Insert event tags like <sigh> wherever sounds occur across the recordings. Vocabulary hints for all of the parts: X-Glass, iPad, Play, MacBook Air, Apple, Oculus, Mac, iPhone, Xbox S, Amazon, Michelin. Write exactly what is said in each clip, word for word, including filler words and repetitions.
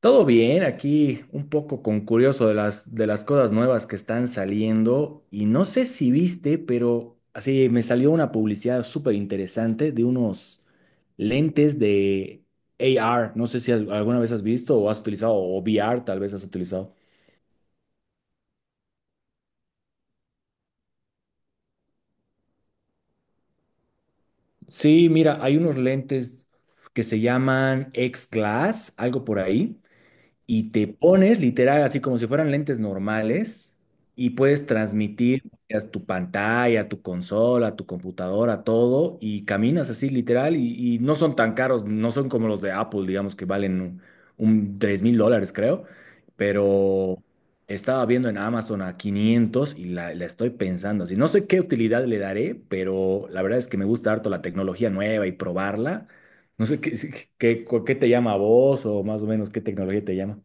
Todo bien, aquí un poco con curioso de las, de las cosas nuevas que están saliendo y no sé si viste, pero así me salió una publicidad súper interesante de unos lentes de A R, no sé si has- alguna vez has visto o has utilizado, o V R tal vez has utilizado. Sí, mira, hay unos lentes que se llaman X-Glass, algo por ahí. Y te pones literal así como si fueran lentes normales y puedes transmitir a tu pantalla, a tu consola, a tu computadora, todo y caminas así literal y, y no son tan caros, no son como los de Apple, digamos que valen un, un tres mil dólares mil dólares creo, pero estaba viendo en Amazon a quinientos y la, la estoy pensando así. No sé qué utilidad le daré, pero la verdad es que me gusta harto la tecnología nueva y probarla. No sé qué, <laughs> qué, qué te llama a vos o más o menos qué tecnología te llama.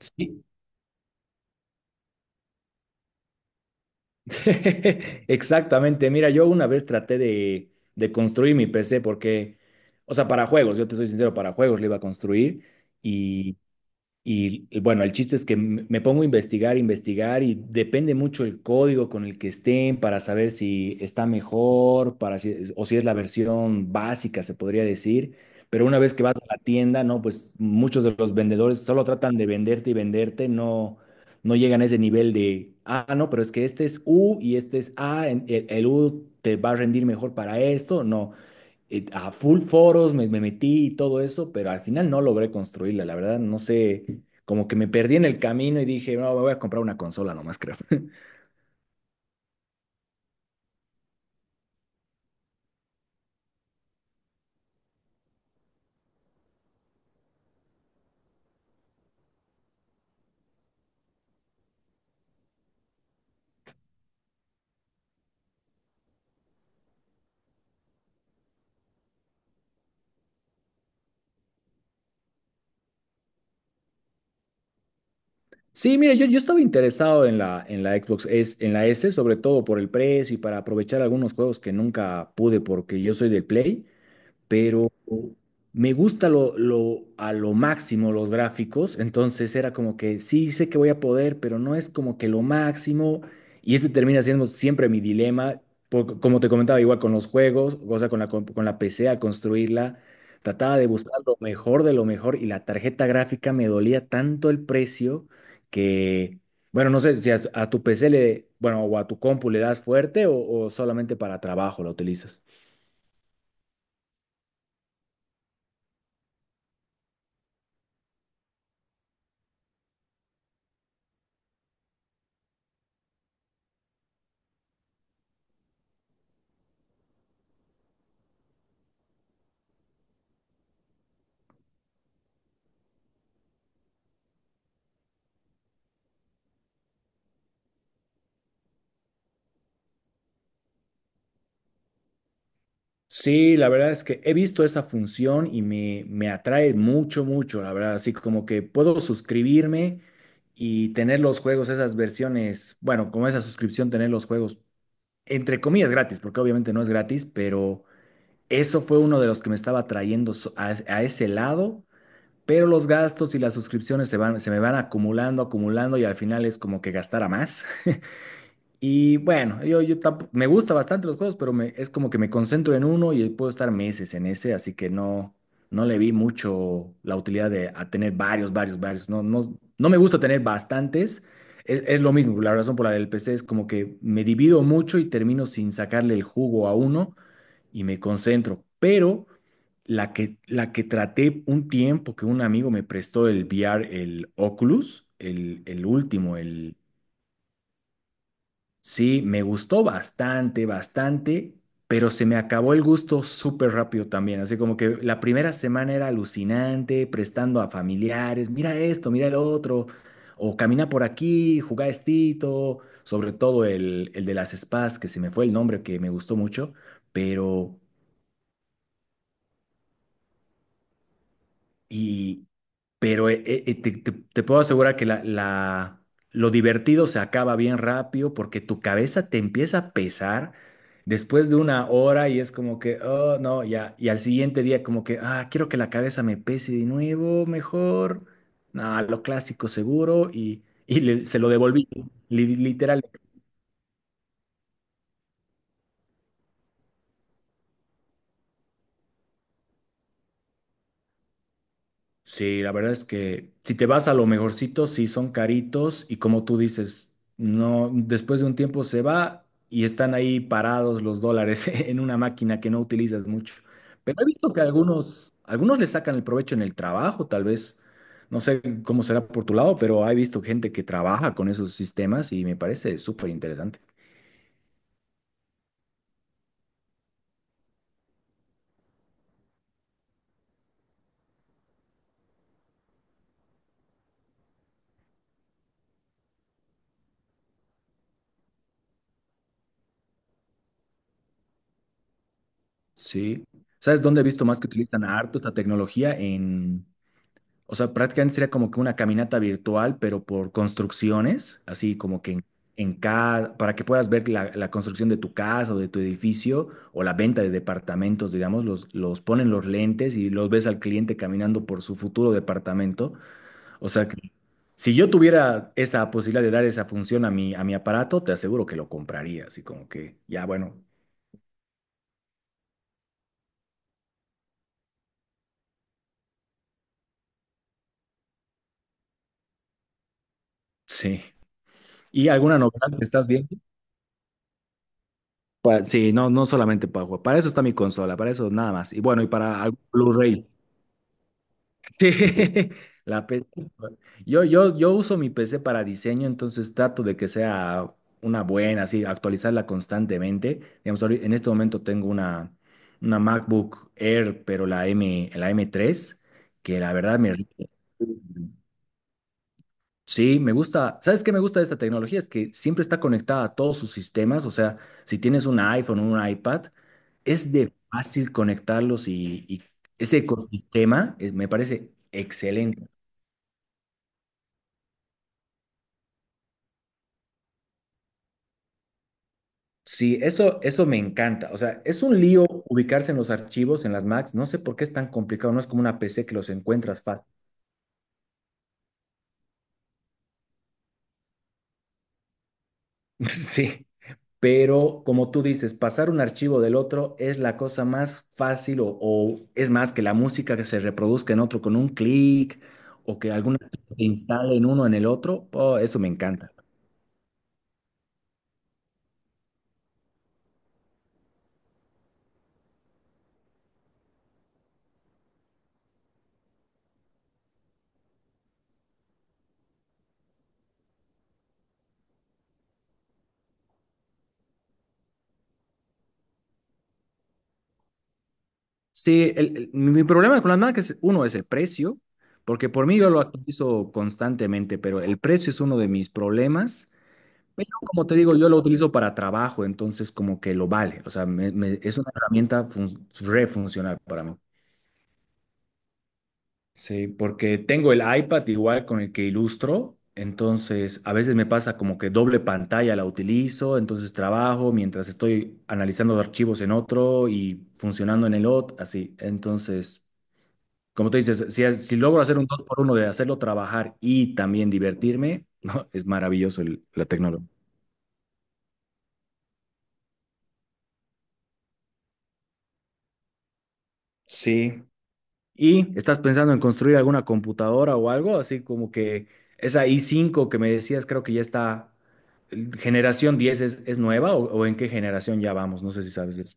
Sí. <laughs> Exactamente. Mira, yo una vez traté de, de construir mi P C porque, o sea, para juegos, yo te soy sincero, para juegos lo iba a construir y, Y y bueno, el chiste es que m- me pongo a investigar, investigar y depende mucho el código con el que estén para saber si está mejor, para si es- o si es la versión básica, se podría decir. Pero una vez que vas a la tienda, no, pues muchos de los vendedores solo tratan de venderte y venderte, no, no llegan a ese nivel de, ah, no, pero es que este es U y este es A, en- el, el U te va a rendir mejor para esto. No, eh, a full foros me, me metí y todo eso, pero al final no logré construirla, la verdad, no sé, como que me perdí en el camino y dije, no, me voy a comprar una consola nomás, creo. <laughs> Sí, mire, yo, yo estaba interesado en la, en la Xbox S, en la S, sobre todo por el precio y para aprovechar algunos juegos que nunca pude porque yo soy del Play. Pero me gusta lo, lo- a lo máximo los gráficos, entonces era como que sí sé que voy a poder, pero no es como que lo máximo, y este termina siendo siempre mi dilema, por- como te comentaba, igual con los juegos, o sea, con la, comp- con la P C al construirla, trataba de buscar lo mejor de lo mejor, y la tarjeta gráfica me dolía tanto el precio que... Bueno, no sé si a, a tu P C le, bueno, o a tu compu le das fuerte o o solamente para trabajo la utilizas. Sí, la verdad es que he visto esa función y me, me atrae mucho, mucho, la verdad. Así como que puedo suscribirme y tener los juegos, esas versiones, bueno, como esa suscripción, tener los juegos, entre comillas, gratis, porque obviamente no es gratis, pero eso fue uno de los que me estaba atrayendo so- a, es- a ese lado. Pero los gastos y las suscripciones se van, se me van acumulando, acumulando y al final es como que gastara más. <laughs> Y bueno, yo, yo tampo- me gusta bastante los juegos, pero me, es como que me concentro en uno y puedo estar meses en ese, así que no, no le vi mucho la utilidad de a tener varios, varios, varios. No, no, no me gusta tener bastantes. Es, es lo mismo, la razón por la del P C es como que me divido mucho y termino sin sacarle el jugo a uno y me concentro. Pero la que, la que traté un tiempo que un amigo me prestó el V R, el Oculus, el, el último. Sí, me gustó bastante, bastante, pero se me acabó el gusto súper rápido también. Así como que la primera semana era alucinante, prestando a familiares, mira esto, mira el otro, o camina por aquí, juega estito, sobre todo el, el de las spas, que se me fue el nombre, que me gustó mucho, pero... y pero eh, eh, te, te- te puedo asegurar que la, la- lo divertido se acaba bien rápido porque tu cabeza te empieza a pesar después de una hora y es como que, oh, no, ya, y al siguiente día como que, ah, quiero que la cabeza me pese de nuevo, mejor, no, lo clásico seguro y, y le- se lo devolví, li- literalmente. Sí, la verdad es que si te vas a lo mejorcito, sí son caritos y como tú dices, no, después de un tiempo se va y están ahí parados los dólares <laughs> en una máquina que no utilizas mucho. Pero he visto que algunos, algunos le sacan el provecho en el trabajo, tal vez. No sé cómo será por tu lado, pero he visto gente que trabaja con esos sistemas y me parece súper interesante. Sí. ¿Sabes dónde he visto más que utilizan harto esta tecnología? ¿En? O sea, prácticamente sería como que una caminata virtual, pero por construcciones, así como que en, en cada, para que puedas ver la, la construcción de tu casa o de tu edificio o la venta de departamentos, digamos, los, los ponen los lentes y los ves al cliente caminando por su futuro departamento. O sea, que si yo tuviera esa posibilidad de dar esa función a mi, a mi aparato, te aseguro que lo compraría, así como que, ya, bueno, sí. ¿Y alguna novedad que estás viendo? Pa- sí, no, no solamente para jugar. Para eso está mi consola, para eso nada más. Y bueno, y para algún Blu-ray. <laughs> Sí, la P- C. pues, Yo, yo, yo uso mi P C para diseño, entonces trato de que sea una buena, así, actualizarla constantemente. Digamos, ahorita- en este momento tengo una, una MacBook Air, pero la M, la m tres, que la verdad me rinde. Sí, me gusta. ¿Sabes qué me gusta de esta tecnología? Es que siempre está conectada a todos sus sistemas. O sea, si tienes un iPhone o un iPad, es de fácil conectarlos y, y ese ecosistema es- me parece excelente. Sí, eso, eso me encanta. O sea, es un lío ubicarse en los archivos, en las Macs. No sé por qué es tan complicado. No es como una P C que los encuentras fácil. <laughs> Sí. Pero como tú dices, pasar un archivo del otro es la cosa más fácil o, o es más que la música que se reproduzca en otro con un clic o que alguna <laughs> se instale en uno en el otro. Oh, eso me encanta. Sí, el- el- mi problema con las marcas, uno es el precio, porque por mí yo lo utilizo constantemente, pero el precio es uno de mis problemas. Pero como te digo, yo lo utilizo para trabajo, entonces como que lo vale. O sea, me- me- es una herramienta fun- re funcional para mí. Sí, porque tengo el iPad igual con el que ilustro, entonces a veces me pasa como que doble pantalla la utilizo, entonces trabajo mientras estoy analizando archivos en otro y funcionando en el otro, así. Entonces, como tú dices, si, es- si logro hacer un dos por uno de hacerlo trabajar y también divertirme, <laughs> ¿no? Es maravilloso el- la tecnología. Sí, ¿y estás pensando en construir alguna computadora o algo? Así como que esa i cinco que me decías, creo que ya está, generación diez es, es nueva o, o en qué generación ya vamos, no sé si sabes de eso.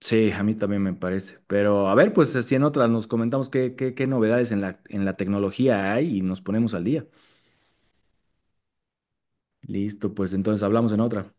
Sí, a mí también me parece. Pero a ver, pues si en otras nos comentamos qué, qué, qué novedades en la, en la tecnología hay y nos ponemos al día. Listo, pues entonces hablamos en otra.